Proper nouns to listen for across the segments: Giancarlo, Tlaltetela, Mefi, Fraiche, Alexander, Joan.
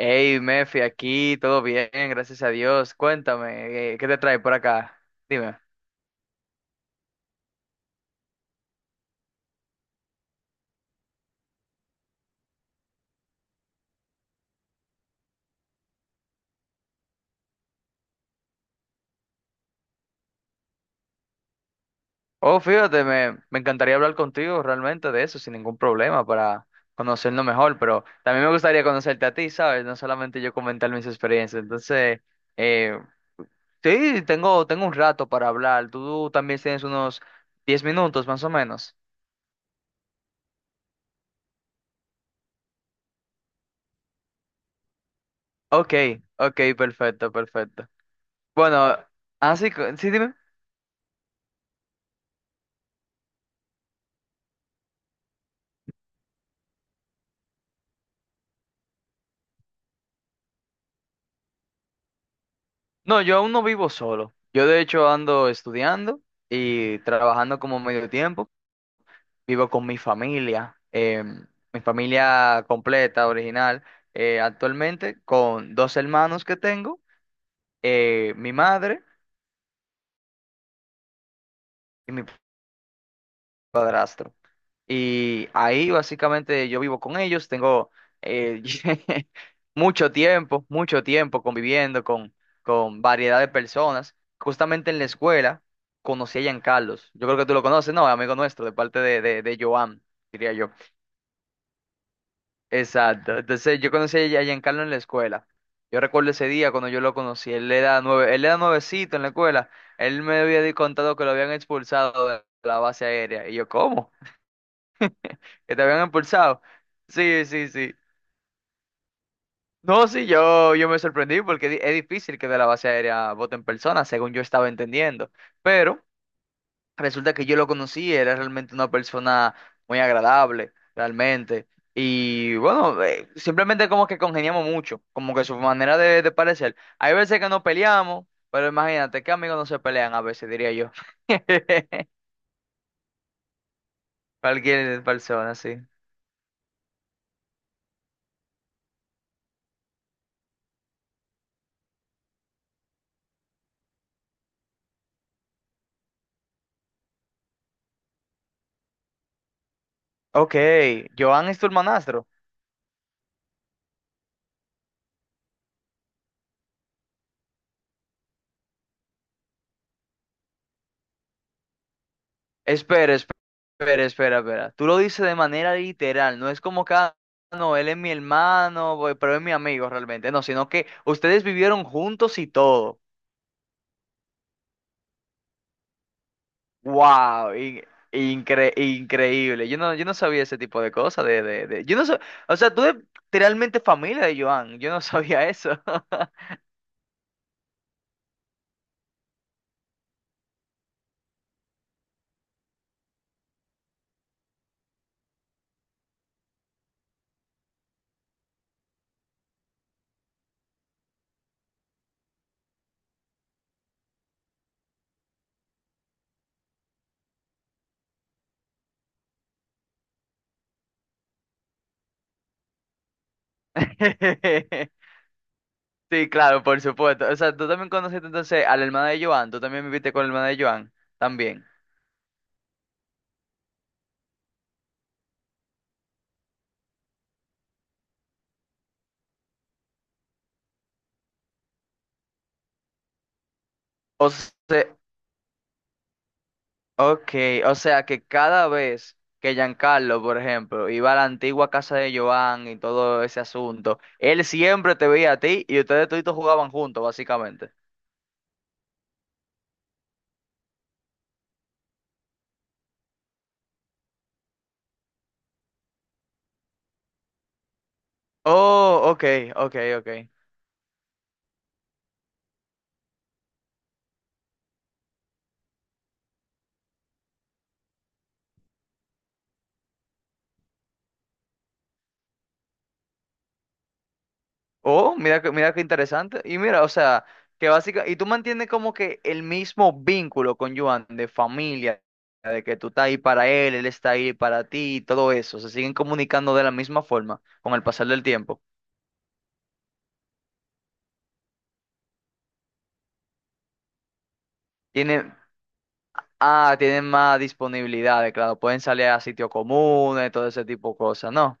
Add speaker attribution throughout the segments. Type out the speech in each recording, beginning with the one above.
Speaker 1: Hey, Mefi, aquí todo bien, gracias a Dios. Cuéntame, ¿qué te trae por acá? Dime. Oh, fíjate, me encantaría hablar contigo realmente de eso sin ningún problema para conocernos mejor, pero también me gustaría conocerte a ti, ¿sabes? No solamente yo comentar mis experiencias. Entonces, eh, sí, tengo, tengo un rato para hablar. Tú también tienes unos 10 minutos más o menos. Ok, ok, perfecto, perfecto. Bueno, así, sí, dime. No, yo aún no vivo solo. Yo de hecho ando estudiando y trabajando como medio tiempo. Vivo con mi familia, mi familia completa, original. Actualmente con dos hermanos que tengo, mi madre y mi padrastro. Y ahí básicamente yo vivo con ellos, tengo eh, mucho tiempo conviviendo con variedad de personas. Justamente en la escuela conocí a Giancarlos. Yo creo que tú lo conoces, ¿no? Amigo nuestro, de parte de Joan, diría yo. Exacto. Entonces yo conocí a Giancarlo en la escuela. Yo recuerdo ese día cuando yo lo conocí. Él era nueve, él era nuevecito en la escuela. Él me había contado que lo habían expulsado de la base aérea. Y yo, ¿cómo? Que te habían impulsado. Sí, sí, sí. No, sí, yo me sorprendí porque es difícil que de la base aérea voten personas, según yo estaba entendiendo. Pero resulta que yo lo conocí, era realmente una persona muy agradable, realmente. Y bueno, simplemente como que congeniamos mucho, como que su manera de parecer. Hay veces que nos peleamos, pero imagínate que amigos no se pelean a veces, diría yo. Cualquier persona, sí. Ok, Joan es tu hermanastro. Espera, espera, espera, espera. Tú lo dices de manera literal, no es como que, "Ah, no, él es mi hermano, pero es mi amigo realmente", no, sino que ustedes vivieron juntos y todo. ¡Wow! Increíble. Yo no sabía ese tipo de cosas, Yo no sab- o sea, tú eres literalmente familia de Joan, yo no sabía eso. Sí, claro, por supuesto. O sea, tú también conociste entonces a la hermana de Joan, tú también viviste con la hermana de Joan, también. O sea, Ok, o sea que cada vez que Giancarlo, por ejemplo, iba a la antigua casa de Joan y todo ese asunto, él siempre te veía a ti y ustedes toditos jugaban juntos, básicamente. Oh, ok, ok, ok. Oh, mira qué interesante. Y mira, o sea, que básicamente, y tú mantienes como que el mismo vínculo con Joan de familia, de que tú estás ahí para él, él está ahí para ti y todo eso. Se siguen comunicando de la misma forma con el pasar del tiempo. Tiene, Ah, tienen más disponibilidades, claro. Pueden salir a sitios comunes, todo ese tipo de cosas, ¿no?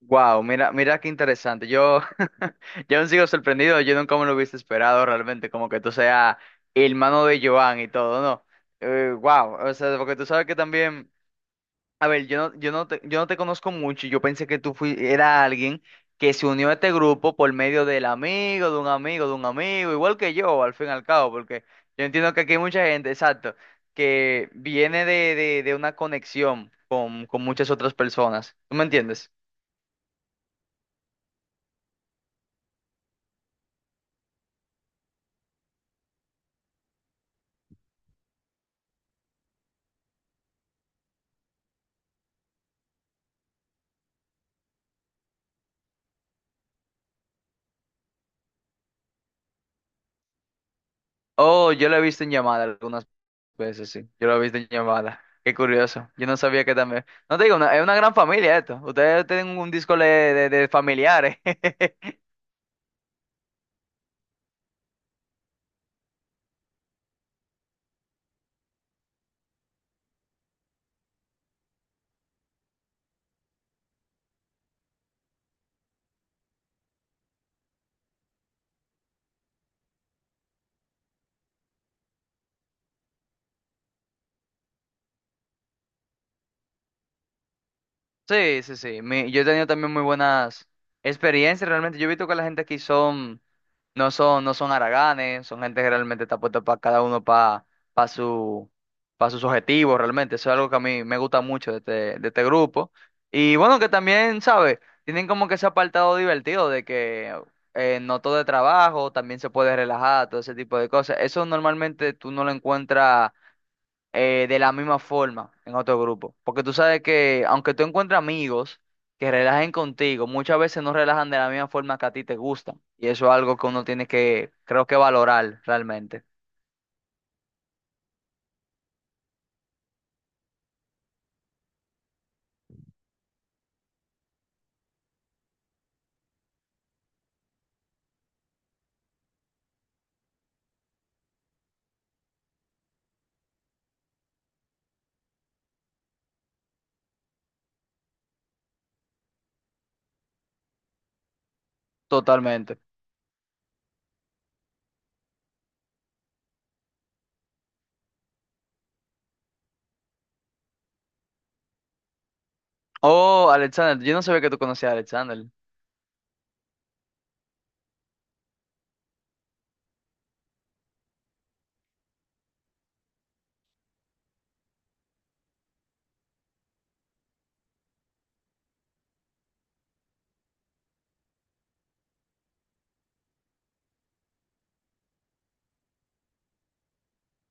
Speaker 1: Wow, mira, mira qué interesante. Yo, yo aún sigo sorprendido. Yo nunca me lo hubiese esperado realmente, como que tú seas hermano de Joan y todo, ¿no? Wow, o sea, porque tú sabes que también. A ver, yo no te conozco mucho. Yo pensé que era alguien que se unió a este grupo por medio del amigo, de un amigo, igual que yo, al fin y al cabo, porque yo entiendo que aquí hay mucha gente, exacto, que viene de una conexión con muchas otras personas. ¿Tú me entiendes? Oh, yo lo he visto en llamada algunas veces, sí. Yo lo he visto en llamada. Qué curioso. Yo no sabía que también. No te digo, es una gran familia esto. Ustedes tienen un disco de familiares. Sí, sí, sí. Yo he tenido también muy buenas experiencias realmente. Yo he visto que la gente aquí no son haraganes, son gente que realmente está puesta para cada uno para para sus objetivos realmente. Eso es algo que a mí me gusta mucho de este grupo. Y bueno, que también, ¿sabes? Tienen como que ese apartado divertido de que no todo es trabajo, también se puede relajar, todo ese tipo de cosas. Eso normalmente tú no lo encuentras de la misma forma en otro grupo. Porque tú sabes que aunque tú encuentres amigos que relajen contigo, muchas veces no relajan de la misma forma que a ti te gustan. Y eso es algo que uno tiene que, creo que valorar realmente, totalmente. Oh, Alexander, yo no sabía que tú conocías a Alexander.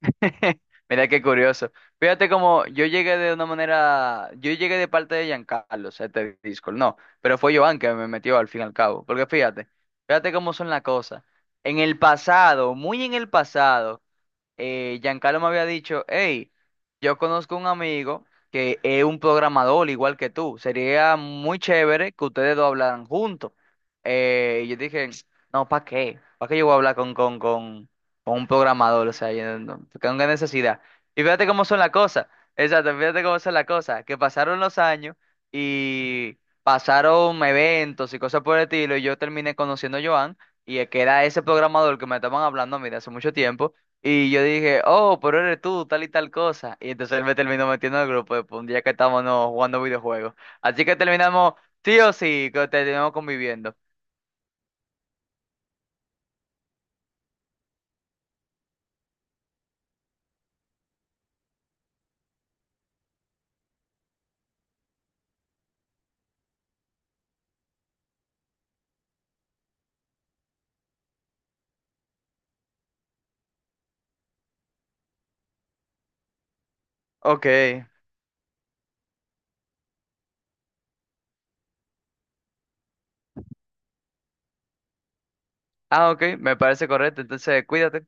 Speaker 1: Mira qué curioso. Fíjate cómo yo llegué de una manera, yo llegué de parte de Giancarlo, o sea, este Discord, no, pero fue Joan que me metió al fin y al cabo, porque fíjate, fíjate cómo son las cosas. En el pasado, muy en el pasado, Giancarlo me había dicho, hey, yo conozco un amigo que es un programador igual que tú, sería muy chévere que ustedes dos hablaran juntos. Y yo dije, no, ¿para qué? ¿Para qué yo voy a hablar con un programador? O sea, yo no, no, porque no hay necesidad. Y fíjate cómo son las cosas, exacto, fíjate cómo son las cosas, que pasaron los años y pasaron eventos y cosas por el estilo y yo terminé conociendo a Joan. Y que era ese programador que me estaban hablando a mí de hace mucho tiempo. Y yo dije, oh, pero eres tú, tal y tal cosa. Y entonces él me terminó metiendo al grupo después, un día que estábamos no, jugando videojuegos. Así que terminamos, sí o sí, que terminamos conviviendo. Ok. Ah, ok, me parece correcto. Entonces, cuídate.